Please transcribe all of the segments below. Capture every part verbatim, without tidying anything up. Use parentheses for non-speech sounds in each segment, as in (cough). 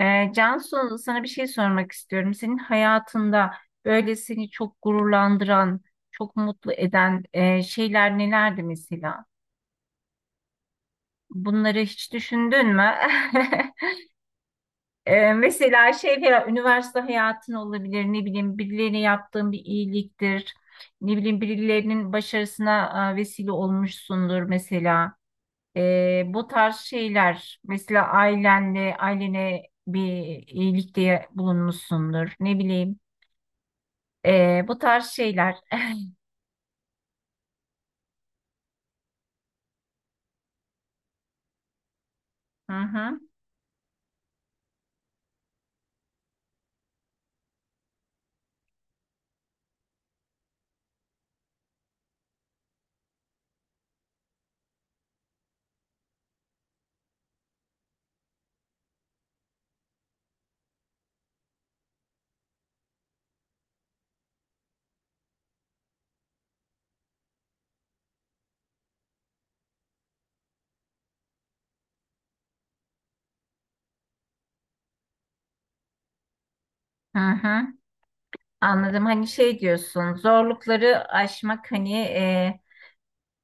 Ee, Cansu, sana bir şey sormak istiyorum. Senin hayatında böyle seni çok gururlandıran, çok mutlu eden e, şeyler nelerdi mesela? Bunları hiç düşündün mü? (laughs) Ee, mesela şey falan, üniversite hayatın olabilir, ne bileyim birilerine yaptığın bir iyiliktir, ne bileyim birilerinin başarısına e, vesile olmuşsundur mesela. Ee, bu tarz şeyler, mesela ailenle, ailene bir iyilikte bulunmuşsundur, ne bileyim. Ee, bu tarz şeyler. (laughs) Hı hı, hı hı. Anladım. Hani şey diyorsun, zorlukları aşmak hani e,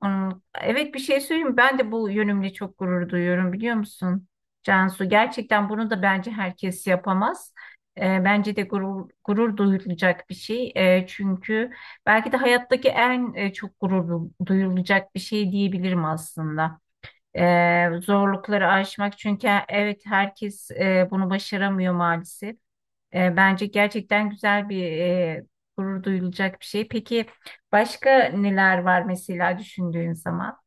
onun- evet bir şey söyleyeyim mi? Ben de bu yönümle çok gurur duyuyorum biliyor musun? Cansu gerçekten bunu da bence herkes yapamaz. E, bence de gurur, gurur duyulacak bir şey. E, çünkü belki de hayattaki en e, çok gurur du- duyulacak bir şey diyebilirim aslında. E, zorlukları aşmak, çünkü evet herkes e, bunu başaramıyor maalesef. E, bence gerçekten güzel bir e, gurur duyulacak bir şey. Peki başka neler var mesela düşündüğün zaman?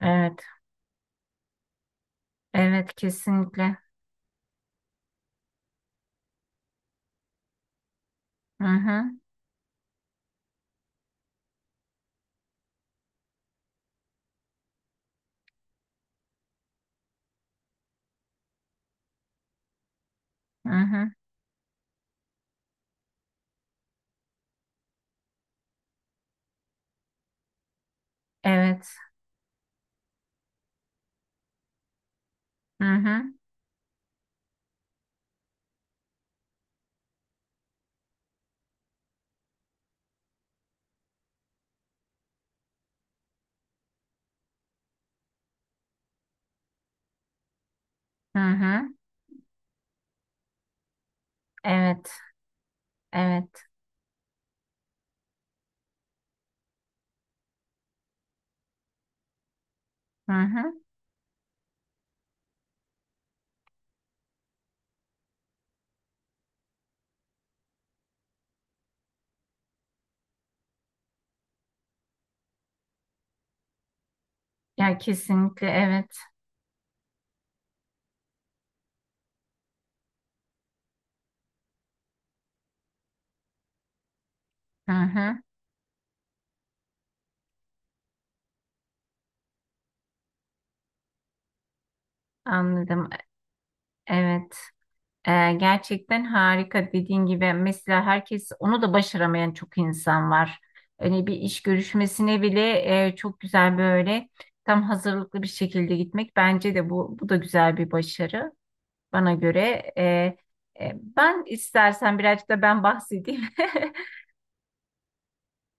Evet, evet kesinlikle. Hı hı, hı hı, evet, hı hı, hı hı, evet, evet, hı hı. Ya kesinlikle evet, hı hı, anladım, evet. Ee, gerçekten harika, dediğin gibi mesela herkes onu da başaramayan çok insan var. Hani bir iş görüşmesine bile e, çok güzel böyle tam hazırlıklı bir şekilde gitmek bence de bu bu da güzel bir başarı bana göre. Ee, e, ben istersen birazcık da ben bahsedeyim. (laughs)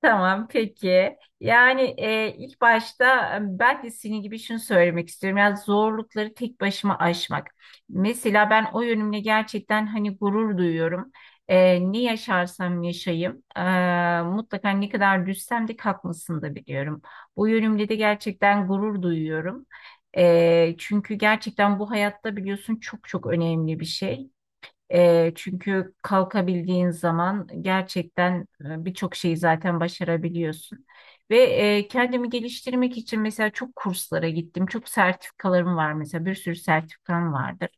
Tamam peki. Yani e, ilk başta e, ben de senin gibi şunu söylemek istiyorum. Yani zorlukları tek başıma aşmak. Mesela ben o yönümle gerçekten hani gurur duyuyorum. E, ne yaşarsam yaşayayım, e, mutlaka ne kadar düşsem de kalkmasını da biliyorum. Bu yönümle de gerçekten gurur duyuyorum. E, çünkü gerçekten bu hayatta biliyorsun çok çok önemli bir şey. E, çünkü kalkabildiğin zaman gerçekten e, birçok şeyi zaten başarabiliyorsun. Ve e, kendimi geliştirmek için mesela çok kurslara gittim. Çok sertifikalarım var, mesela bir sürü sertifikam vardır.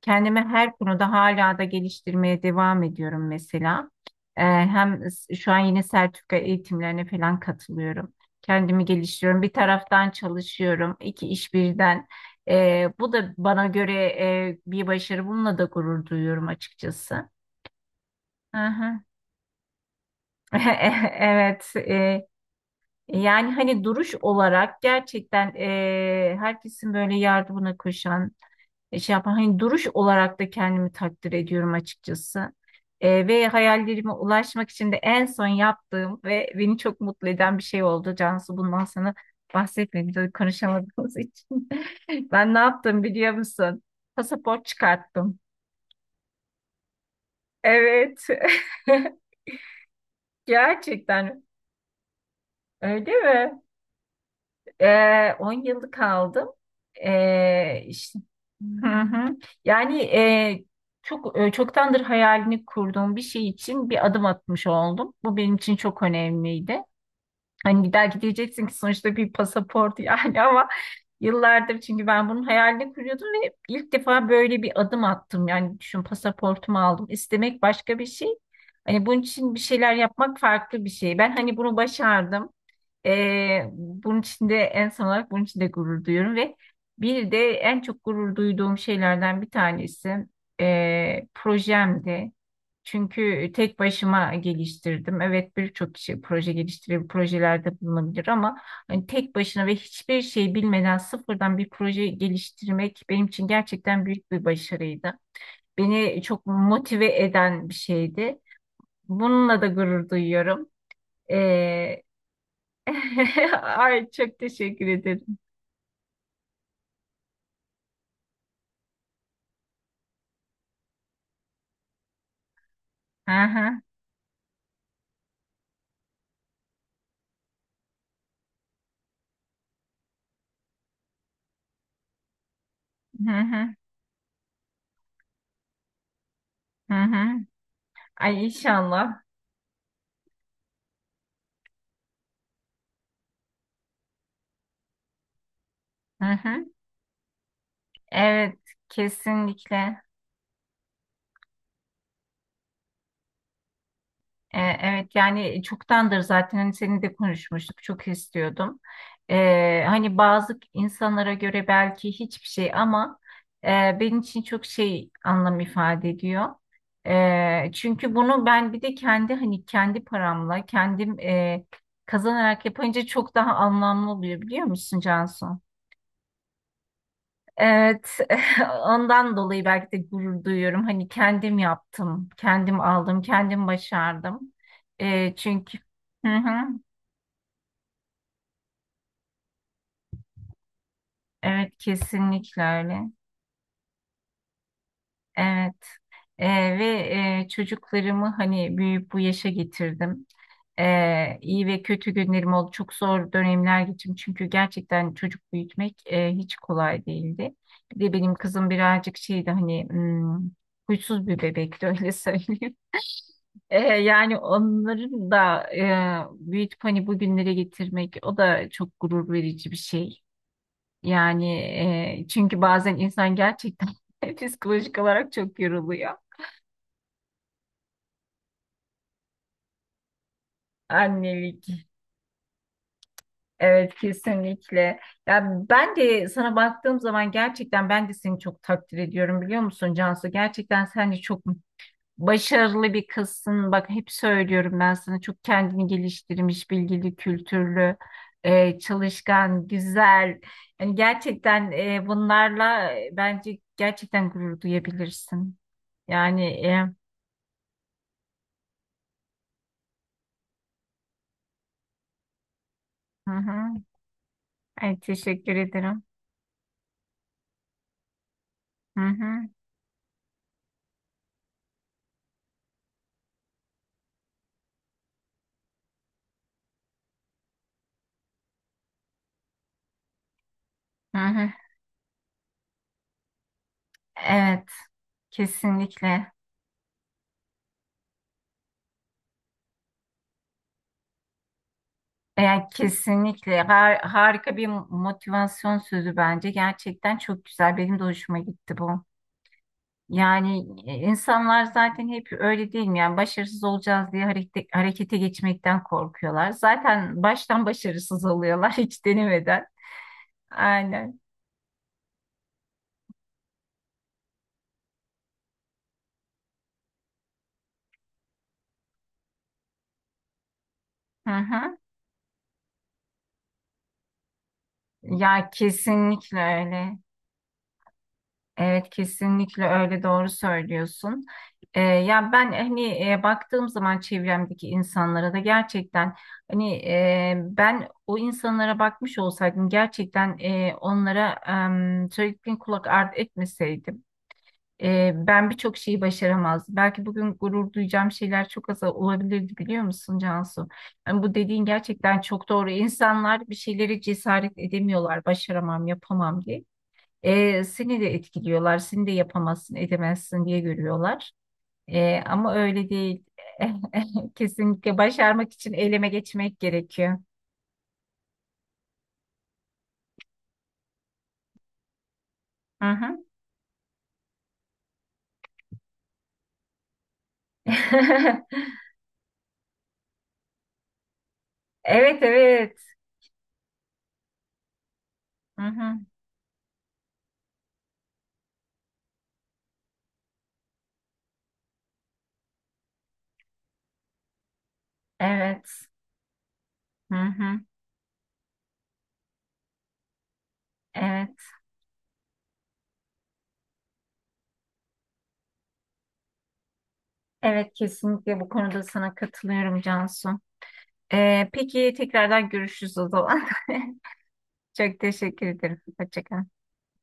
Kendimi her konuda hala da geliştirmeye devam ediyorum mesela. E, hem s- şu an yine sertifika eğitimlerine falan katılıyorum. Kendimi geliştiriyorum. Bir taraftan çalışıyorum, iki iş birden. E, bu da bana göre e, bir başarı. Bununla da gurur duyuyorum açıkçası. Hı hı. (laughs) Evet. e, yani hani duruş olarak gerçekten e, herkesin böyle yardımına koşan, e, şey yapan, hani duruş olarak da kendimi takdir ediyorum açıkçası. E, ve hayallerime ulaşmak için de en son yaptığım ve beni çok mutlu eden bir şey oldu. Cansu, bundan sana bahsetmedim tabii konuşamadığımız (laughs) için. Ben ne yaptım biliyor musun? Pasaport çıkarttım. Evet. (laughs) Gerçekten öyle mi? Ee, on yıllık kaldım. Ee, işte- Hı hı. Yani e, çok e, çoktandır hayalini kurduğum bir şey için bir adım atmış oldum. Bu benim için çok önemliydi. Hani belki diyeceksin ki sonuçta bir pasaport yani, (laughs) ama yıllardır çünkü ben bunun hayalini kuruyordum ve ilk defa böyle bir adım attım. Yani düşün, pasaportumu aldım. İstemek başka bir şey. Hani bunun için bir şeyler yapmak farklı bir şey. Ben hani bunu başardım. Ee, bunun için de en son olarak bunun için de gurur duyuyorum ve bir de en çok gurur duyduğum şeylerden bir tanesi ee, projemdi. Çünkü tek başıma geliştirdim. Evet, birçok kişi proje geliştirebilir, projelerde bulunabilir, ama hani tek başına ve hiçbir şey bilmeden sıfırdan bir proje geliştirmek benim için gerçekten büyük bir başarıydı. Beni çok motive eden bir şeydi. Bununla da gurur duyuyorum. (laughs) Ay, çok teşekkür ederim. Hı hı, hı hı, hı hı. Ay inşallah. Hı hı. Evet, kesinlikle. E, Evet yani çoktandır zaten hani seninle de konuşmuştuk, çok istiyordum. E, hani bazı insanlara göre belki hiçbir şey, ama e, benim için çok şey anlam ifade ediyor. E, çünkü bunu ben bir de kendi hani kendi paramla kendim, e, kazanarak yapınca çok daha anlamlı oluyor biliyor musun Cansu? Evet, (laughs) ondan dolayı belki de gurur duyuyorum. Hani kendim yaptım, kendim aldım, kendim başardım. Ee, çünkü hı hı, evet kesinlikle öyle. Evet. Ee, ve e, çocuklarımı hani büyüyüp bu yaşa getirdim. Ee, iyi ve kötü günlerim oldu. Çok zor dönemler geçirdim. Çünkü gerçekten çocuk büyütmek e, hiç kolay değildi. Bir de benim kızım birazcık şeydi, hani hmm, huysuz bir bebekti, (laughs) öyle söyleyeyim. E, yani onların da e, büyütüp hani bugünlere getirmek, o da çok gurur verici bir şey. Yani e, çünkü bazen insan gerçekten (laughs) psikolojik olarak çok yoruluyor. Annelik. Evet kesinlikle. Ya ben de sana baktığım zaman gerçekten ben de seni çok takdir ediyorum biliyor musun Cansu? Gerçekten sen de çok başarılı bir kızsın. Bak hep söylüyorum ben sana, çok kendini geliştirmiş, bilgili, kültürlü, e, çalışkan, güzel. Yani gerçekten e, bunlarla e, bence gerçekten gurur duyabilirsin. Yani e, hı hı. Ay, teşekkür ederim. Hı hı, hı hı. Evet, kesinlikle. E, Yani kesinlikle har- harika bir motivasyon sözü bence. Gerçekten çok güzel. Benim de hoşuma gitti bu. Yani e, insanlar zaten hep öyle değil mi? Yani başarısız olacağız diye hareket, harekete geçmekten korkuyorlar. Zaten baştan başarısız oluyorlar (laughs) hiç denemeden. Aynen. Hı hı. Ya kesinlikle öyle. Evet kesinlikle öyle, doğru söylüyorsun. Ee, ya ben hani e, baktığım zaman çevremdeki insanlara da gerçekten hani e, ben o insanlara bakmış olsaydım, gerçekten e, onlara em, söylediklerine kulak ardı etmeseydim, e, ben birçok şeyi başaramazdım. Belki bugün gurur duyacağım şeyler çok az olabilirdi biliyor musun Cansu? Yani bu dediğin gerçekten çok doğru. İnsanlar bir şeyleri cesaret edemiyorlar, başaramam, yapamam diye. E, seni de etkiliyorlar, seni de yapamazsın, edemezsin diye görüyorlar. E, ama öyle değil. (laughs) Kesinlikle başarmak için eyleme geçmek gerekiyor. Hı hı. (laughs) Evet, evet. Hı hı. Evet. Hı hı. Evet. Evet, kesinlikle bu konuda sana katılıyorum Cansu. E, peki tekrardan görüşürüz o zaman. (laughs) Çok teşekkür ederim. Hoşça kal.